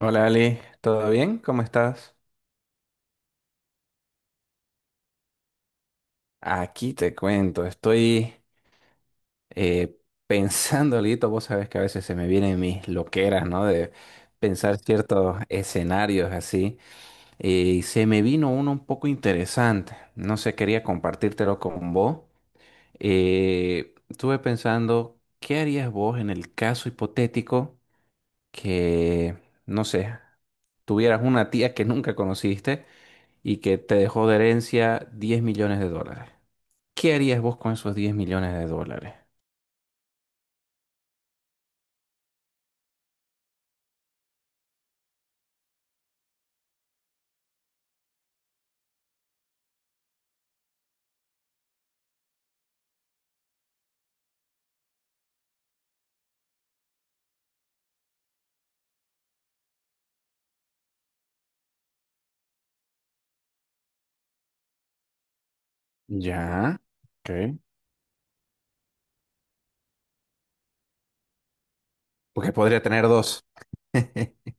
Hola Ali, ¿todo bien? ¿Cómo estás? Aquí te cuento, estoy eh, pensando, Lito, vos sabés que a veces se me vienen mis loqueras, ¿no? De pensar ciertos escenarios así, y se me vino uno un poco interesante, no sé, quería compartírtelo con vos. Estuve pensando, ¿qué harías vos en el caso hipotético que, no sé, tuvieras una tía que nunca conociste? Y que te dejó de herencia 10 millones de dólares. ¿Qué harías vos con esos 10 millones de dólares? Ya. Ok. Porque podría tener dos.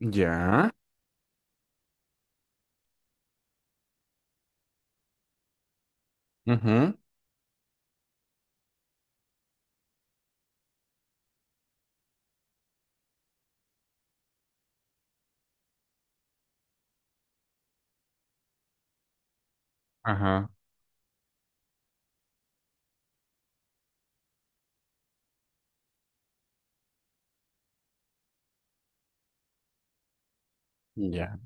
Ya. Ujú. Ajá. Ya.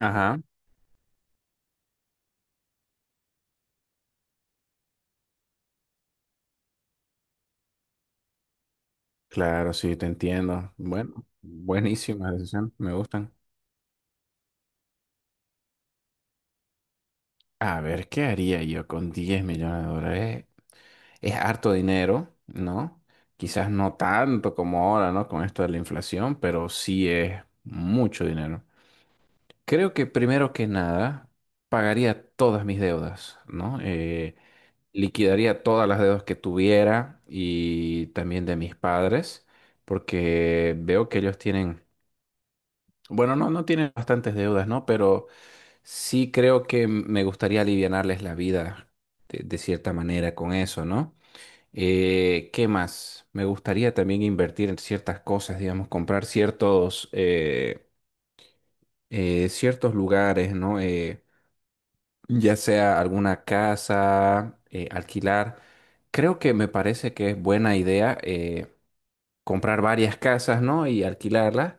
Ajá. Claro, sí, te entiendo. Bueno, buenísima decisión. Me gustan. A ver, ¿qué haría yo con 10 millones de dólares? Es harto dinero, ¿no? Quizás no tanto como ahora, ¿no? Con esto de la inflación, pero sí es mucho dinero. Creo que primero que nada pagaría todas mis deudas, ¿no? Liquidaría todas las deudas que tuviera y también de mis padres, porque veo que ellos tienen, bueno, no, no tienen bastantes deudas, ¿no? Pero sí creo que me gustaría alivianarles la vida de cierta manera con eso, ¿no? ¿Qué más? Me gustaría también invertir en ciertas cosas, digamos, comprar ciertos lugares, ¿no? Ya sea alguna casa, alquilar. Creo que me parece que es buena idea comprar varias casas, ¿no? Y alquilarlas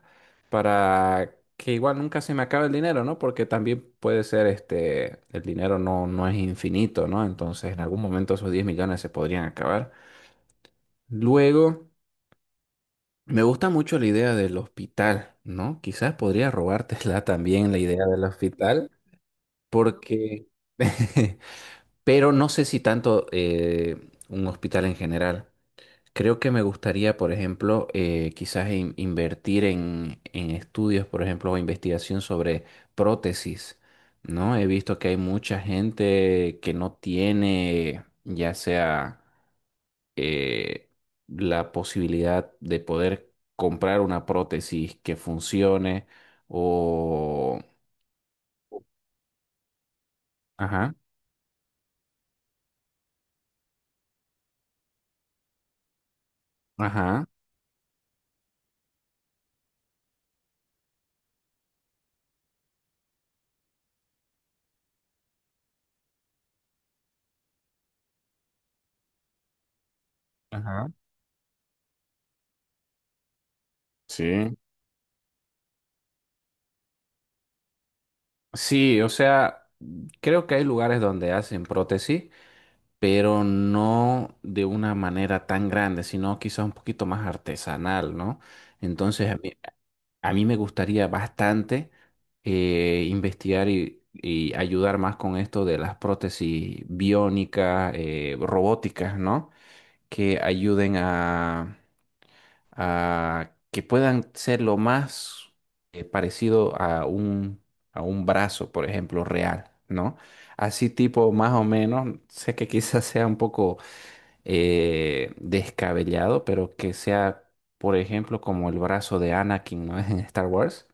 para que igual nunca se me acabe el dinero, ¿no? Porque también puede ser, este, el dinero no, no es infinito, ¿no? Entonces en algún momento esos 10 millones se podrían acabar. Luego, me gusta mucho la idea del hospital, ¿no? Quizás podría robártela también la idea del hospital, porque... pero no sé si tanto un hospital en general. Creo que me gustaría, por ejemplo, quizás invertir en, estudios, por ejemplo, o investigación sobre prótesis, ¿no? He visto que hay mucha gente que no tiene, ya sea eh, la posibilidad de poder comprar una prótesis que funcione o... Ajá, ajá, ajá. Sí. Sí, o sea, creo que hay lugares donde hacen prótesis, pero no de una manera tan grande, sino quizás un poquito más artesanal, ¿no? Entonces, a mí me gustaría bastante investigar y ayudar más con esto de las prótesis biónicas, robóticas, ¿no? Que ayuden a que puedan ser lo más parecido a un brazo, por ejemplo, real, ¿no? Así tipo, más o menos, sé que quizás sea un poco descabellado, pero que sea, por ejemplo, como el brazo de Anakin, ¿no? En Star Wars.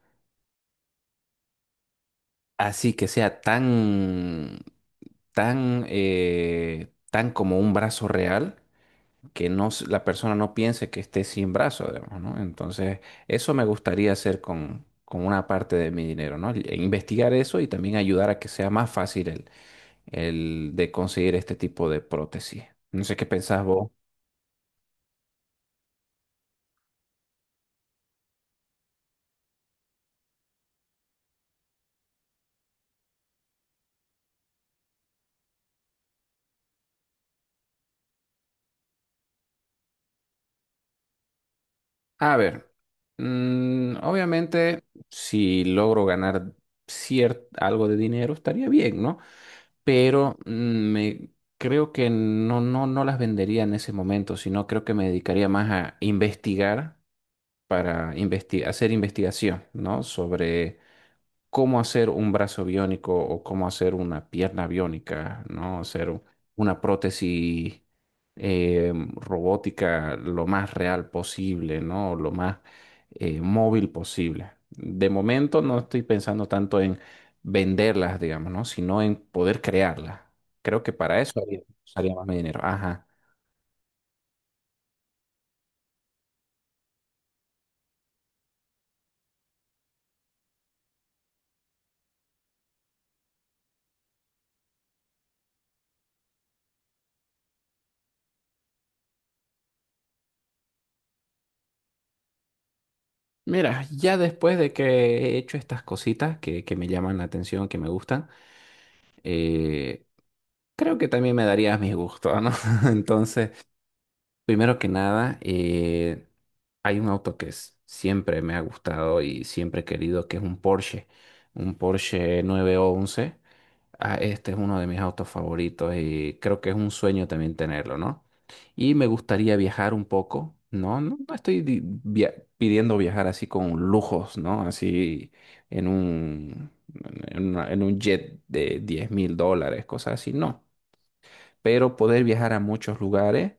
Así que sea tan como un brazo real que no, la persona no piense que esté sin brazo, digamos, ¿no? Entonces, eso me gustaría hacer con, una parte de mi dinero, ¿no? E investigar eso y también ayudar a que sea más fácil el de conseguir este tipo de prótesis. No sé qué pensás vos. A ver, obviamente, si logro ganar algo de dinero, estaría bien, ¿no? Pero me... Creo que no, no, no las vendería en ese momento, sino creo que me dedicaría más a investigar para hacer investigación, ¿no? Sobre cómo hacer un brazo biónico o cómo hacer una pierna biónica, ¿no? Hacer una prótesis robótica lo más real posible, ¿no? Lo más móvil posible. De momento no estoy pensando tanto en venderlas, digamos, ¿no? Sino en poder crearlas. Creo que para eso usaría más mi dinero. Ajá. Mira, ya después de que he hecho estas cositas que me llaman la atención, que me gustan, eh, creo que también me darías mis gustos, ¿no? Entonces, primero que nada, hay un auto que siempre me ha gustado y siempre he querido, que es un Porsche 911. Ah, este es uno de mis autos favoritos y creo que es un sueño también tenerlo, ¿no? Y me gustaría viajar un poco, ¿no? No, no estoy pidiendo viajar así con lujos, ¿no? Así en un, en un jet de 10.000 dólares, cosas así, no. Pero poder viajar a muchos lugares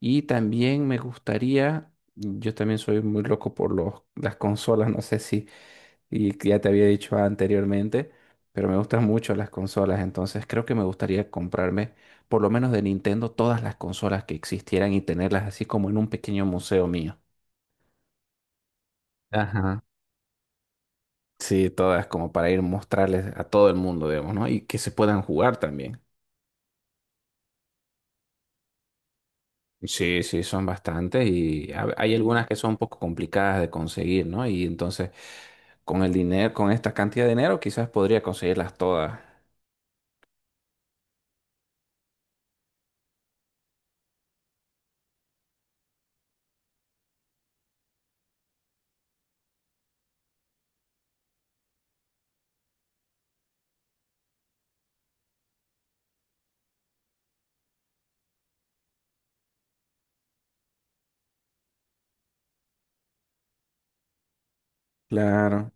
y también me gustaría, yo también soy muy loco por las consolas, no sé si y que ya te había dicho anteriormente, pero me gustan mucho las consolas, entonces creo que me gustaría comprarme, por lo menos de Nintendo, todas las consolas que existieran y tenerlas así como en un pequeño museo mío. Ajá. Sí, todas como para ir mostrarles a todo el mundo, digamos, ¿no? Y que se puedan jugar también. Sí, sí, son bastantes y hay algunas que son un poco complicadas de conseguir, ¿no? Y entonces, con el dinero, con esta cantidad de dinero, quizás podría conseguirlas todas. Claro.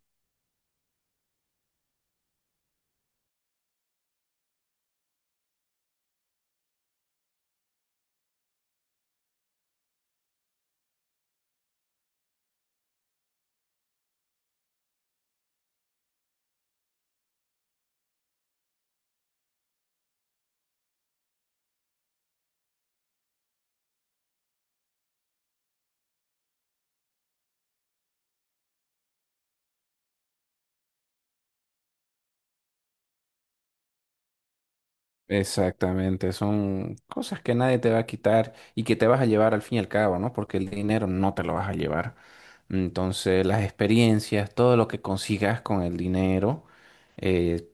Exactamente, son cosas que nadie te va a quitar y que te vas a llevar al fin y al cabo, ¿no? Porque el dinero no te lo vas a llevar. Entonces, las experiencias, todo lo que consigas con el dinero, eh,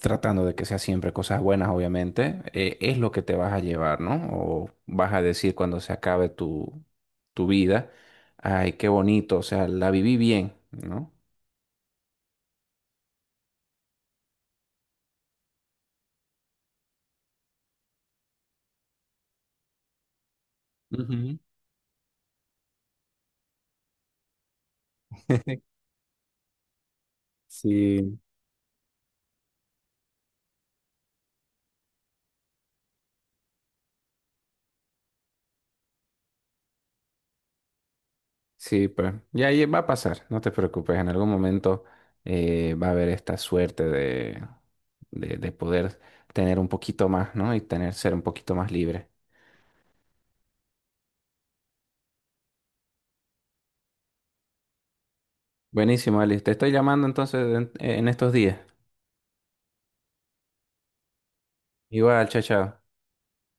tratando de que sea siempre cosas buenas, obviamente, es lo que te vas a llevar, ¿no? O vas a decir cuando se acabe tu vida, ay, qué bonito, o sea, la viví bien, ¿no? Ujú. Sí, sí, pues, y ahí va a pasar, no te preocupes, en algún momento va a haber esta suerte de poder tener un poquito más, ¿no? Y tener, ser un poquito más libre. Buenísimo, Alice, te estoy llamando entonces en, estos días. Igual, chao, chao.